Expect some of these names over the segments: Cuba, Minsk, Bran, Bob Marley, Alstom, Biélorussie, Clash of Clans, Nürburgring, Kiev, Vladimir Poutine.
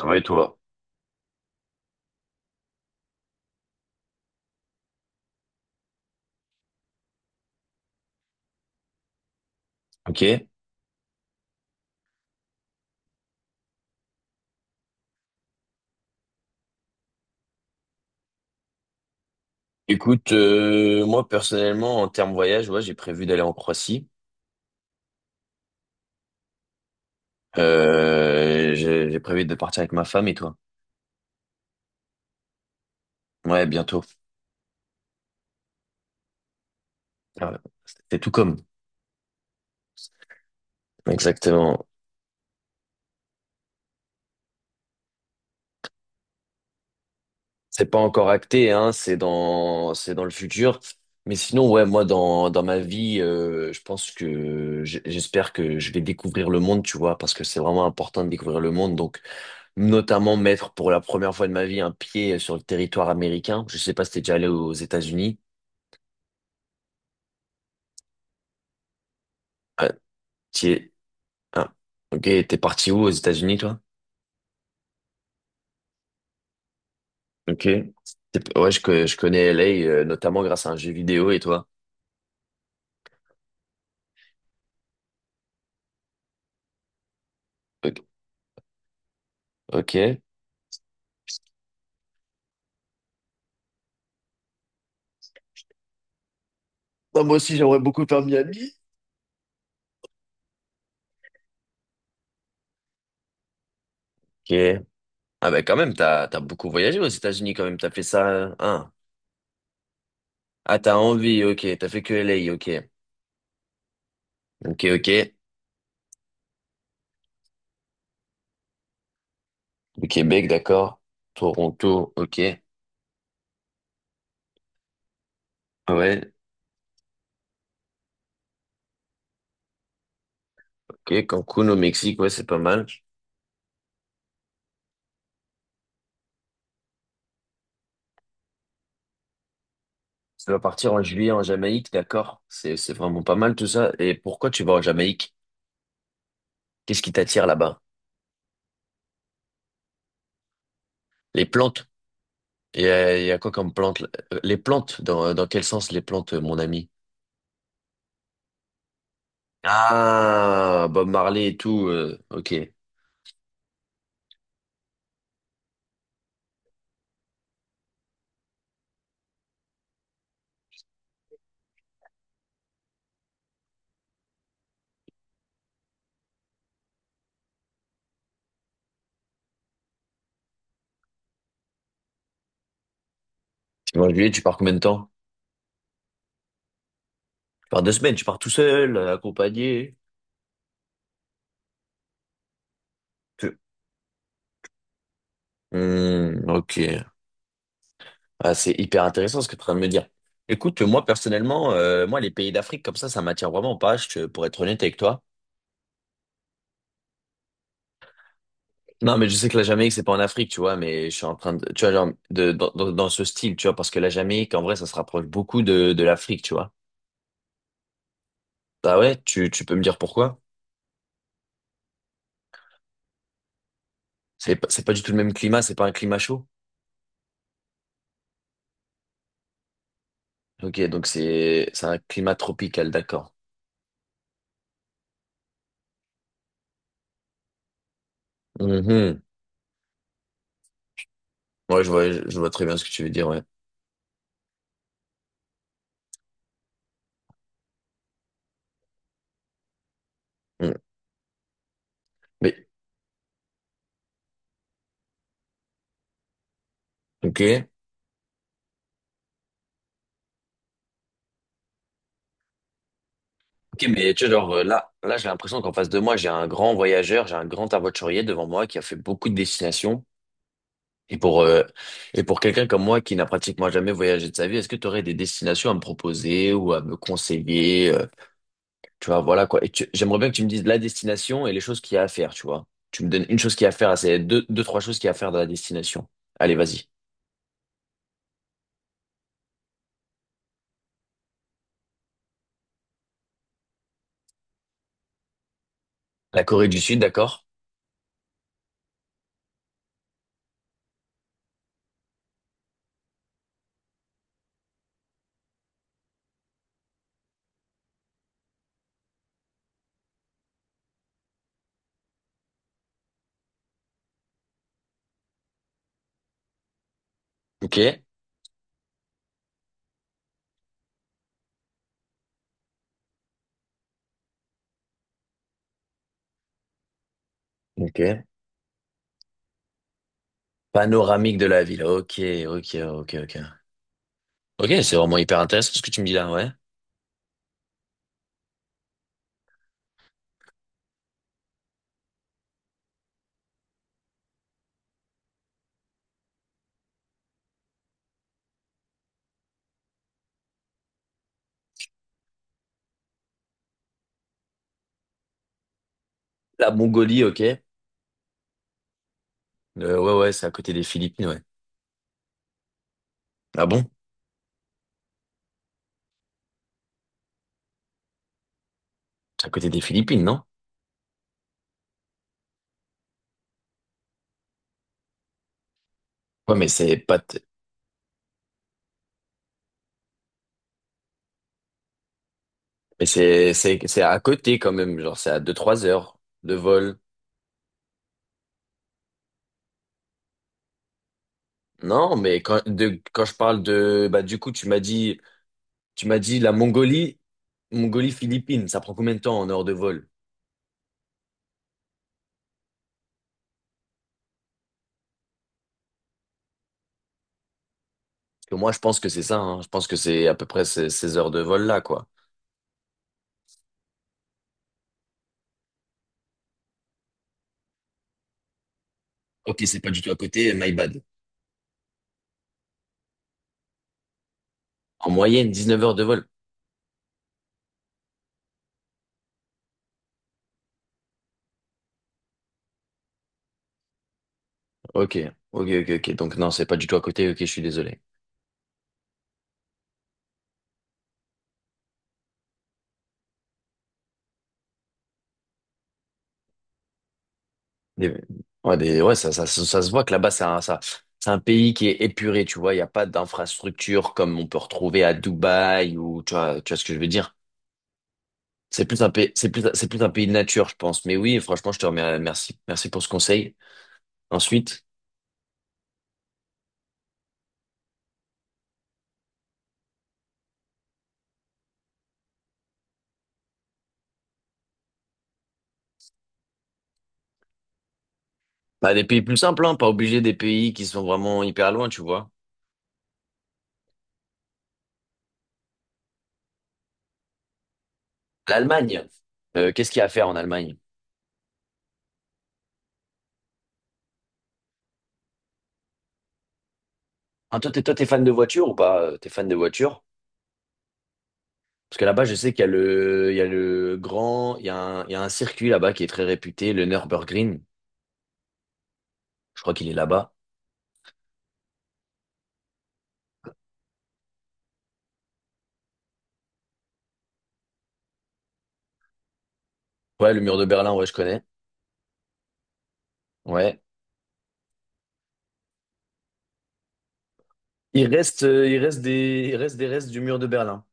Ça va et toi. Ok. Écoute, moi personnellement, en termes voyage, ouais, j'ai prévu d'aller en Croatie. J'ai prévu de partir avec ma femme et toi. Ouais, bientôt. Ah, c'est tout comme. Exactement. C'est pas encore acté, hein. C'est dans le futur. Mais sinon, ouais, moi dans ma vie, je pense que j'espère que je vais découvrir le monde, tu vois, parce que c'est vraiment important de découvrir le monde. Donc notamment mettre pour la première fois de ma vie un pied sur le territoire américain. Je sais pas si t'es déjà allé aux États-Unis. Ah, t'y es- ah, ok, t'es parti où aux États-Unis, toi? Ok. Ouais, je connais LA, notamment grâce à un jeu vidéo, et toi? Ok. Ok. Ah, moi aussi, j'aimerais beaucoup faire Miami. Ok. Ah bah quand même, t'as beaucoup voyagé aux États-Unis quand même, t'as fait ça. Hein. Ah, t'as envie, ok, t'as fait que LA, ok. Ok, ok. Le Québec, d'accord. Toronto, ok. Ouais. Ok, Cancun au Mexique, ouais, c'est pas mal. Tu vas partir en juillet en Jamaïque, d'accord? C'est vraiment pas mal tout ça. Et pourquoi tu vas en Jamaïque? Qu'est-ce qui t'attire là-bas? Les plantes? Il y a quoi comme plantes là? Les plantes, dans quel sens les plantes, mon ami? Ah, Bob Marley et tout, ok. Tu vas en juillet, tu pars combien de temps? Tu pars deux semaines, tu pars tout seul, accompagné? Tu- Hmm, ok. Ah, c'est hyper intéressant ce que tu es en train de me dire. Écoute, moi personnellement, moi les pays d'Afrique comme ça m'attire vraiment pas, pour être honnête avec toi. Non, mais je sais que la Jamaïque, c'est pas en Afrique, tu vois, mais je suis en train de, tu vois, genre, dans ce style, tu vois, parce que la Jamaïque, en vrai, ça se rapproche beaucoup de l'Afrique, tu vois. Ah ouais, tu peux me dire pourquoi? C'est pas du tout le même climat, c'est pas un climat chaud. Ok, donc c'est un climat tropical, d'accord. Mhm. Ouais, je vois très bien ce que tu veux dire, ouais. Mm. Mais, ok. Ok, mais tu vois, genre, là, j'ai l'impression qu'en face de moi, j'ai un grand voyageur, j'ai un grand aventurier devant moi qui a fait beaucoup de destinations. Et pour, euh, et pour quelqu'un comme moi qui n'a pratiquement jamais voyagé de sa vie, est-ce que tu aurais des destinations à me proposer ou à me conseiller, tu vois, voilà quoi. Et j'aimerais bien que tu me dises la destination et les choses qu'il y a à faire, tu vois. Tu me donnes une chose qu'il y a à faire, ah, c'est deux, trois choses qu'il y a à faire dans la destination. Allez, vas-y. La Corée du Sud, d'accord? Ok. Ok. Panoramique de la ville. Ok, ok. Ok, c'est vraiment hyper intéressant ce que tu me dis là, ouais. La Mongolie, ok. Ouais, c'est à côté des Philippines, ouais. Ah bon? C'est à côté des Philippines, non? Ouais, mais c'est pas. Mais c'est à côté quand même, genre c'est à deux trois heures de vol. Non, mais quand je parle de bah du coup tu m'as dit la Mongolie Mongolie Philippines, ça prend combien de temps en heures de vol? Parce que moi je pense que c'est ça, hein. Je pense que c'est à peu près ces heures de vol là quoi. Ok, c'est pas du tout à côté, my bad. En moyenne 19 heures de vol. Ok, ok. Donc non, c'est pas du tout à côté. Ok, je suis désolé. Des- ouais, ça se voit que là-bas, c'est un pays qui est épuré, tu vois. Il n'y a pas d'infrastructure comme on peut retrouver à Dubaï ou, tu vois ce que je veux dire. C'est plus un pays, c'est plus un pays de nature, je pense. Mais oui, franchement, je te remercie, merci pour ce conseil. Ensuite, bah, des pays plus simples, hein, pas obligé des pays qui sont vraiment hyper loin, tu vois. L'Allemagne. Qu'est-ce qu'il y a à faire en Allemagne? Hein, toi, t'es fan de voiture ou pas? T'es fan de voiture? Parce que là-bas, je sais qu'il y a le, il y a le grand, il y a un, il y a un circuit là-bas qui est très réputé, le Nürburgring. Je crois qu'il est là-bas. Ouais, le mur de Berlin, ouais, je connais. Ouais. Il reste, il reste des restes du mur de Berlin.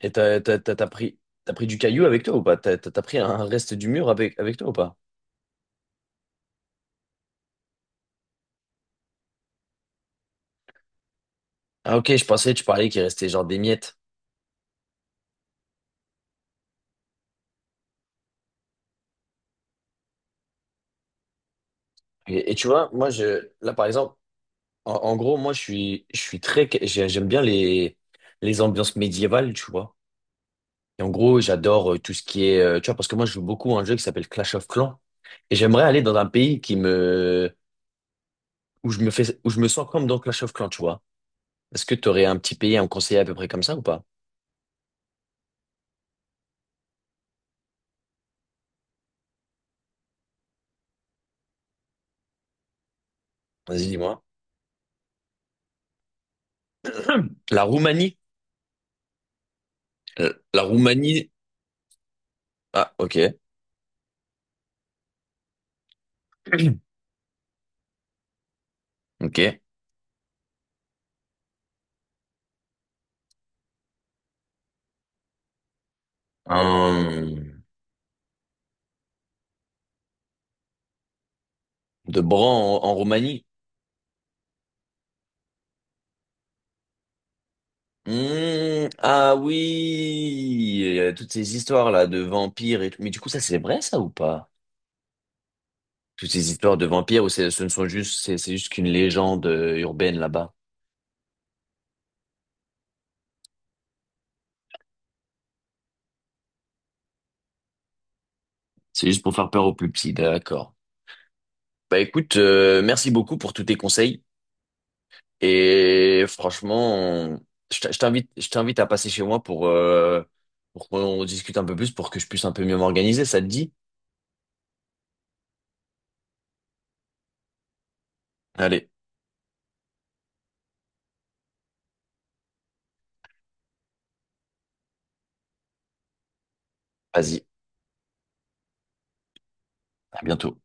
Et t'as pris du caillou avec toi ou pas? T'as pris un reste du mur avec, avec toi ou pas? Ah, ok, je pensais que tu parlais qu'il restait genre des miettes. Et tu vois, moi, là, par exemple, en gros, moi, j'aime bien les ambiances médiévales, tu vois. Et en gros, j'adore tout ce qui est, tu vois, parce que moi, je joue beaucoup à un jeu qui s'appelle Clash of Clans. Et j'aimerais aller dans un pays où je me sens comme dans Clash of Clans, tu vois. Est-ce que tu aurais un petit pays à me conseiller à peu près comme ça ou pas? Vas-y, dis-moi. La Roumanie. La Roumanie. Ah, ok. Ok. Hum, de Bran en, en Roumanie. Ah oui, il y a toutes ces histoires là de vampires et tout. Mais du coup, ça c'est vrai ça ou pas? Toutes ces histoires de vampires, ou c'est- ce ne sont juste, c'est juste qu'une légende urbaine là-bas. C'est juste pour faire peur aux plus petits, d'accord. Bah écoute, merci beaucoup pour tous tes conseils. Et franchement, je t'invite à passer chez moi pour qu'on discute un peu plus, pour que je puisse un peu mieux m'organiser, ça te dit? Allez, vas-y, à bientôt.